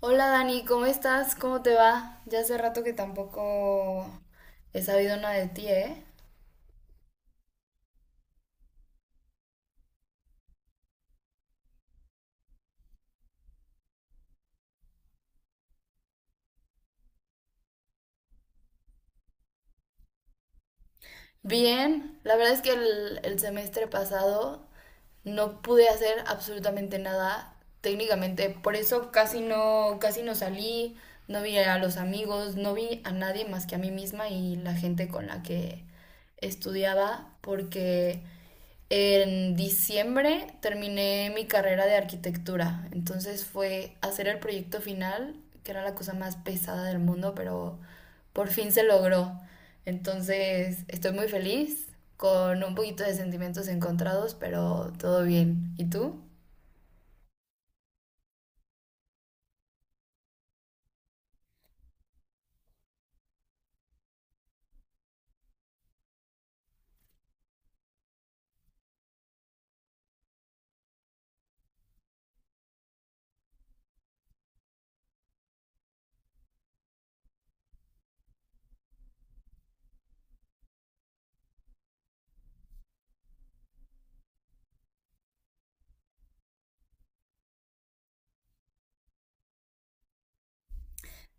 Hola Dani, ¿cómo estás? ¿Cómo te va? Ya hace rato que tampoco he sabido nada de ti, ¿eh? Bien, la verdad es que el semestre pasado no pude hacer absolutamente nada técnicamente, por eso casi no salí, no vi a los amigos, no vi a nadie más que a mí misma y la gente con la que estudiaba, porque en diciembre terminé mi carrera de arquitectura, entonces fue hacer el proyecto final, que era la cosa más pesada del mundo, pero por fin se logró. Entonces estoy muy feliz, con un poquito de sentimientos encontrados, pero todo bien. ¿Y tú?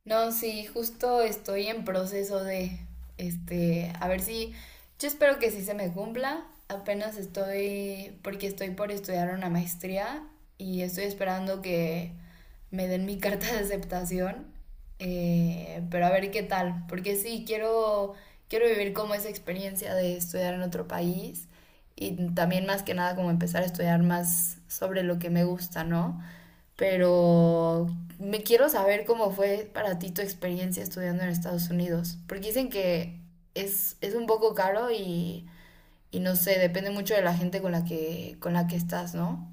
No, sí, justo estoy en proceso de, este, a ver si, yo espero que sí se me cumpla. Apenas estoy, porque estoy por estudiar una maestría y estoy esperando que me den mi carta de aceptación. Pero a ver qué tal, porque sí, quiero vivir como esa experiencia de estudiar en otro país y también más que nada como empezar a estudiar más sobre lo que me gusta, ¿no? Pero me quiero saber cómo fue para ti tu experiencia estudiando en Estados Unidos, porque dicen que es un poco caro y no sé, depende mucho de la gente con la que estás, ¿no?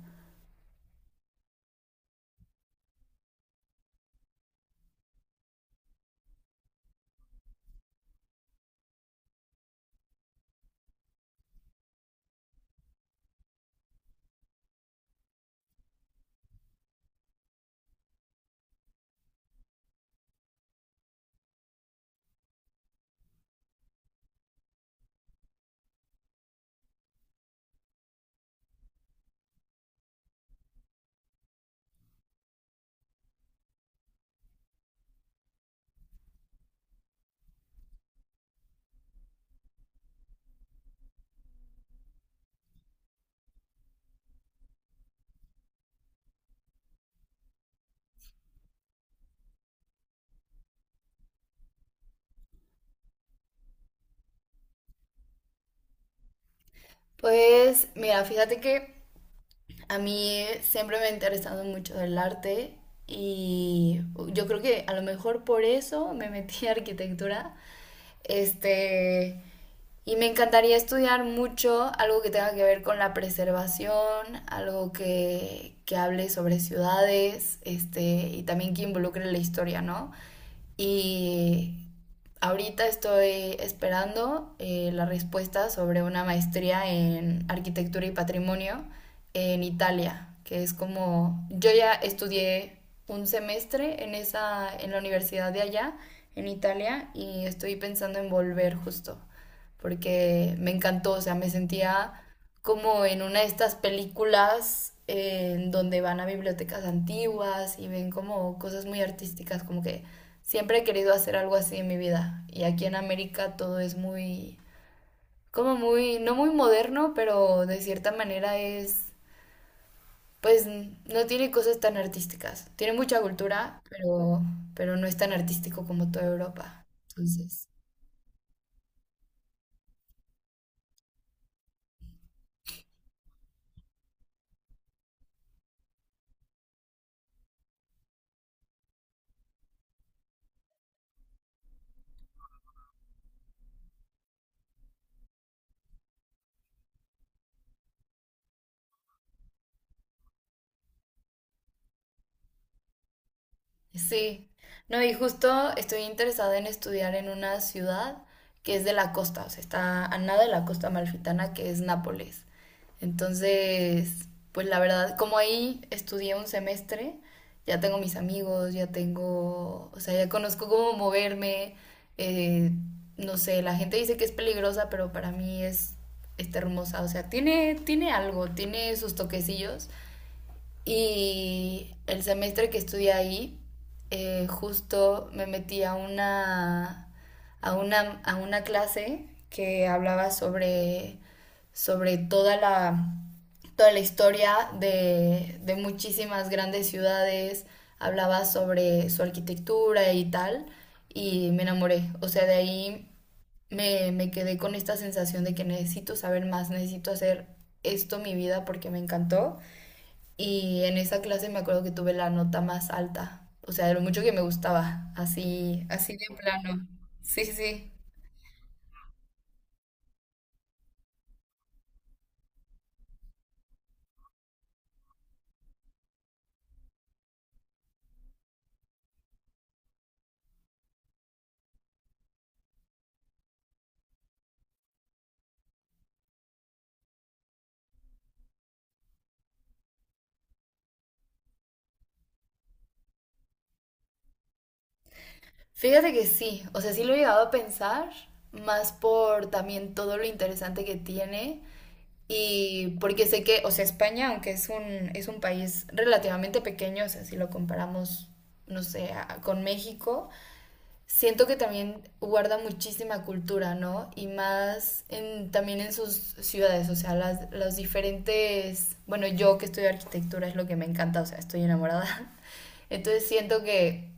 Pues mira, fíjate que a mí siempre me ha interesado mucho el arte y yo creo que a lo mejor por eso me metí a arquitectura. Este, y me encantaría estudiar mucho algo que tenga que ver con la preservación, algo que hable sobre ciudades, este, y también que involucre la historia, ¿no? Y ahorita estoy esperando la respuesta sobre una maestría en arquitectura y patrimonio en Italia, que es como, yo ya estudié un semestre en en la universidad de allá, en Italia, y estoy pensando en volver justo porque me encantó, o sea, me sentía como en una de estas películas en donde van a bibliotecas antiguas y ven como cosas muy artísticas, como que siempre he querido hacer algo así en mi vida. Y aquí en América todo es muy, como muy, no muy moderno, pero de cierta manera es, pues no tiene cosas tan artísticas. Tiene mucha cultura, pero no es tan artístico como toda Europa. Entonces... Sí, no, y justo estoy interesada en estudiar en una ciudad que es de la costa, o sea, está a nada de la costa amalfitana, que es Nápoles. Entonces, pues la verdad, como ahí estudié un semestre, ya tengo mis amigos, ya tengo, o sea, ya conozco cómo moverme, eh, no sé, la gente dice que es peligrosa, pero para mí es, está hermosa, o sea, tiene, tiene algo, tiene sus toquecillos. Y el semestre que estudié ahí, justo me metí a una clase que hablaba sobre toda toda la historia de muchísimas grandes ciudades, hablaba sobre su arquitectura y tal, y me enamoré. O sea, de ahí me quedé con esta sensación de que necesito saber más, necesito hacer esto mi vida porque me encantó. Y en esa clase me acuerdo que tuve la nota más alta, o sea, de lo mucho que me gustaba, así, así de plano. Sí, sí, sí. Fíjate que sí, o sea, sí lo he llegado a pensar, más por también todo lo interesante que tiene y porque sé que, o sea, España, aunque es un país relativamente pequeño, o sea, si lo comparamos, no sé, a- con México, siento que también guarda muchísima cultura, ¿no? Y más en, también en sus ciudades, o sea, las diferentes, bueno, yo que estudio arquitectura es lo que me encanta, o sea, estoy enamorada. Entonces siento que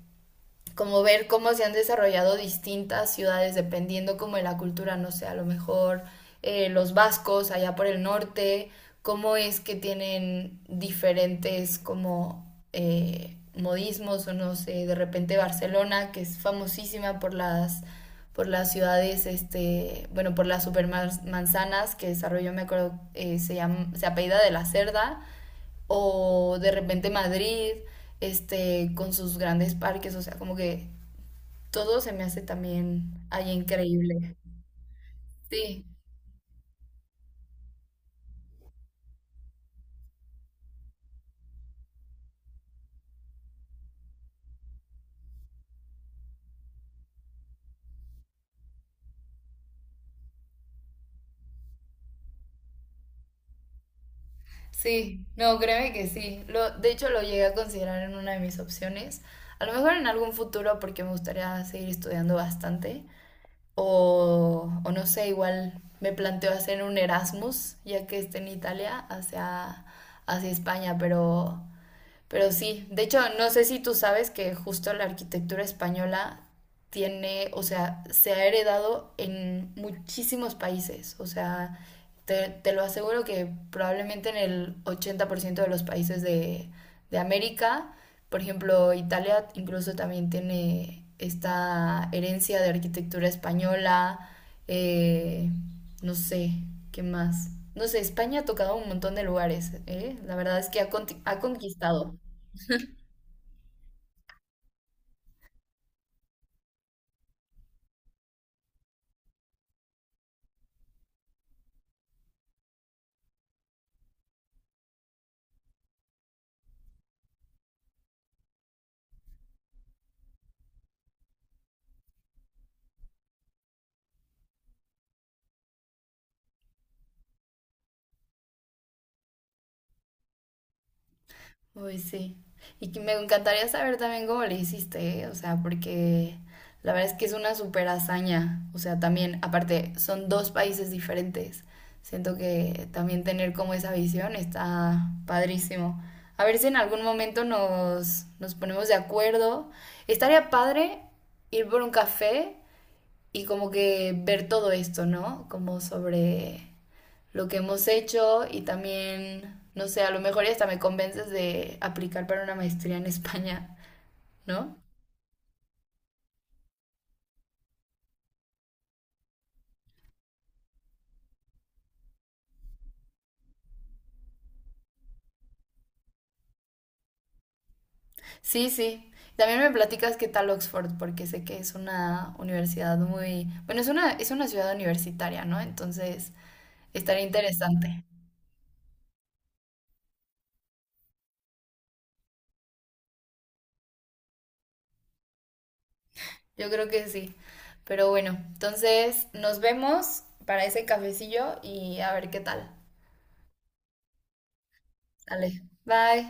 como ver cómo se han desarrollado distintas ciudades dependiendo como de la cultura, no sé, a lo mejor los vascos allá por el norte, cómo es que tienen diferentes como modismos o no sé, de repente Barcelona, que es famosísima por las ciudades, este, bueno, por las supermanzanas que desarrolló, me acuerdo, llama, se apellida de la Cerda, o de repente Madrid, este, con sus grandes parques, o sea, como que todo se me hace también ahí increíble. Sí, sí, no, créeme que sí. Lo, de hecho, lo llegué a considerar en una de mis opciones. A lo mejor en algún futuro, porque me gustaría seguir estudiando bastante. O no sé, igual me planteo hacer un Erasmus, ya que esté en Italia, hacia, hacia España, pero sí, de hecho, no sé si tú sabes que justo la arquitectura española tiene, o sea, se ha heredado en muchísimos países. O sea, te lo aseguro que probablemente en el 80% de los países de América, por ejemplo, Italia incluso también tiene esta herencia de arquitectura española. eh, no sé, ¿qué más? No sé, España ha tocado un montón de lugares, ¿eh? La verdad es que ha, conti- ha conquistado. Uy, sí. Y que me encantaría saber también cómo le hiciste, ¿eh? O sea, porque la verdad es que es una super hazaña. O sea, también, aparte, son dos países diferentes. Siento que también tener como esa visión está padrísimo. A ver si en algún momento nos ponemos de acuerdo. Estaría padre ir por un café y como que ver todo esto, ¿no? Como sobre lo que hemos hecho y también, no sé, a lo mejor hasta me convences de aplicar para una maestría en España, ¿no? Sí, sí. También me platicas qué tal Oxford, porque sé que es una universidad muy, bueno, es una ciudad universitaria, ¿no? Entonces, estaría interesante. Yo creo que sí. Pero bueno, entonces nos vemos para ese cafecillo y a ver qué tal. Dale. Bye.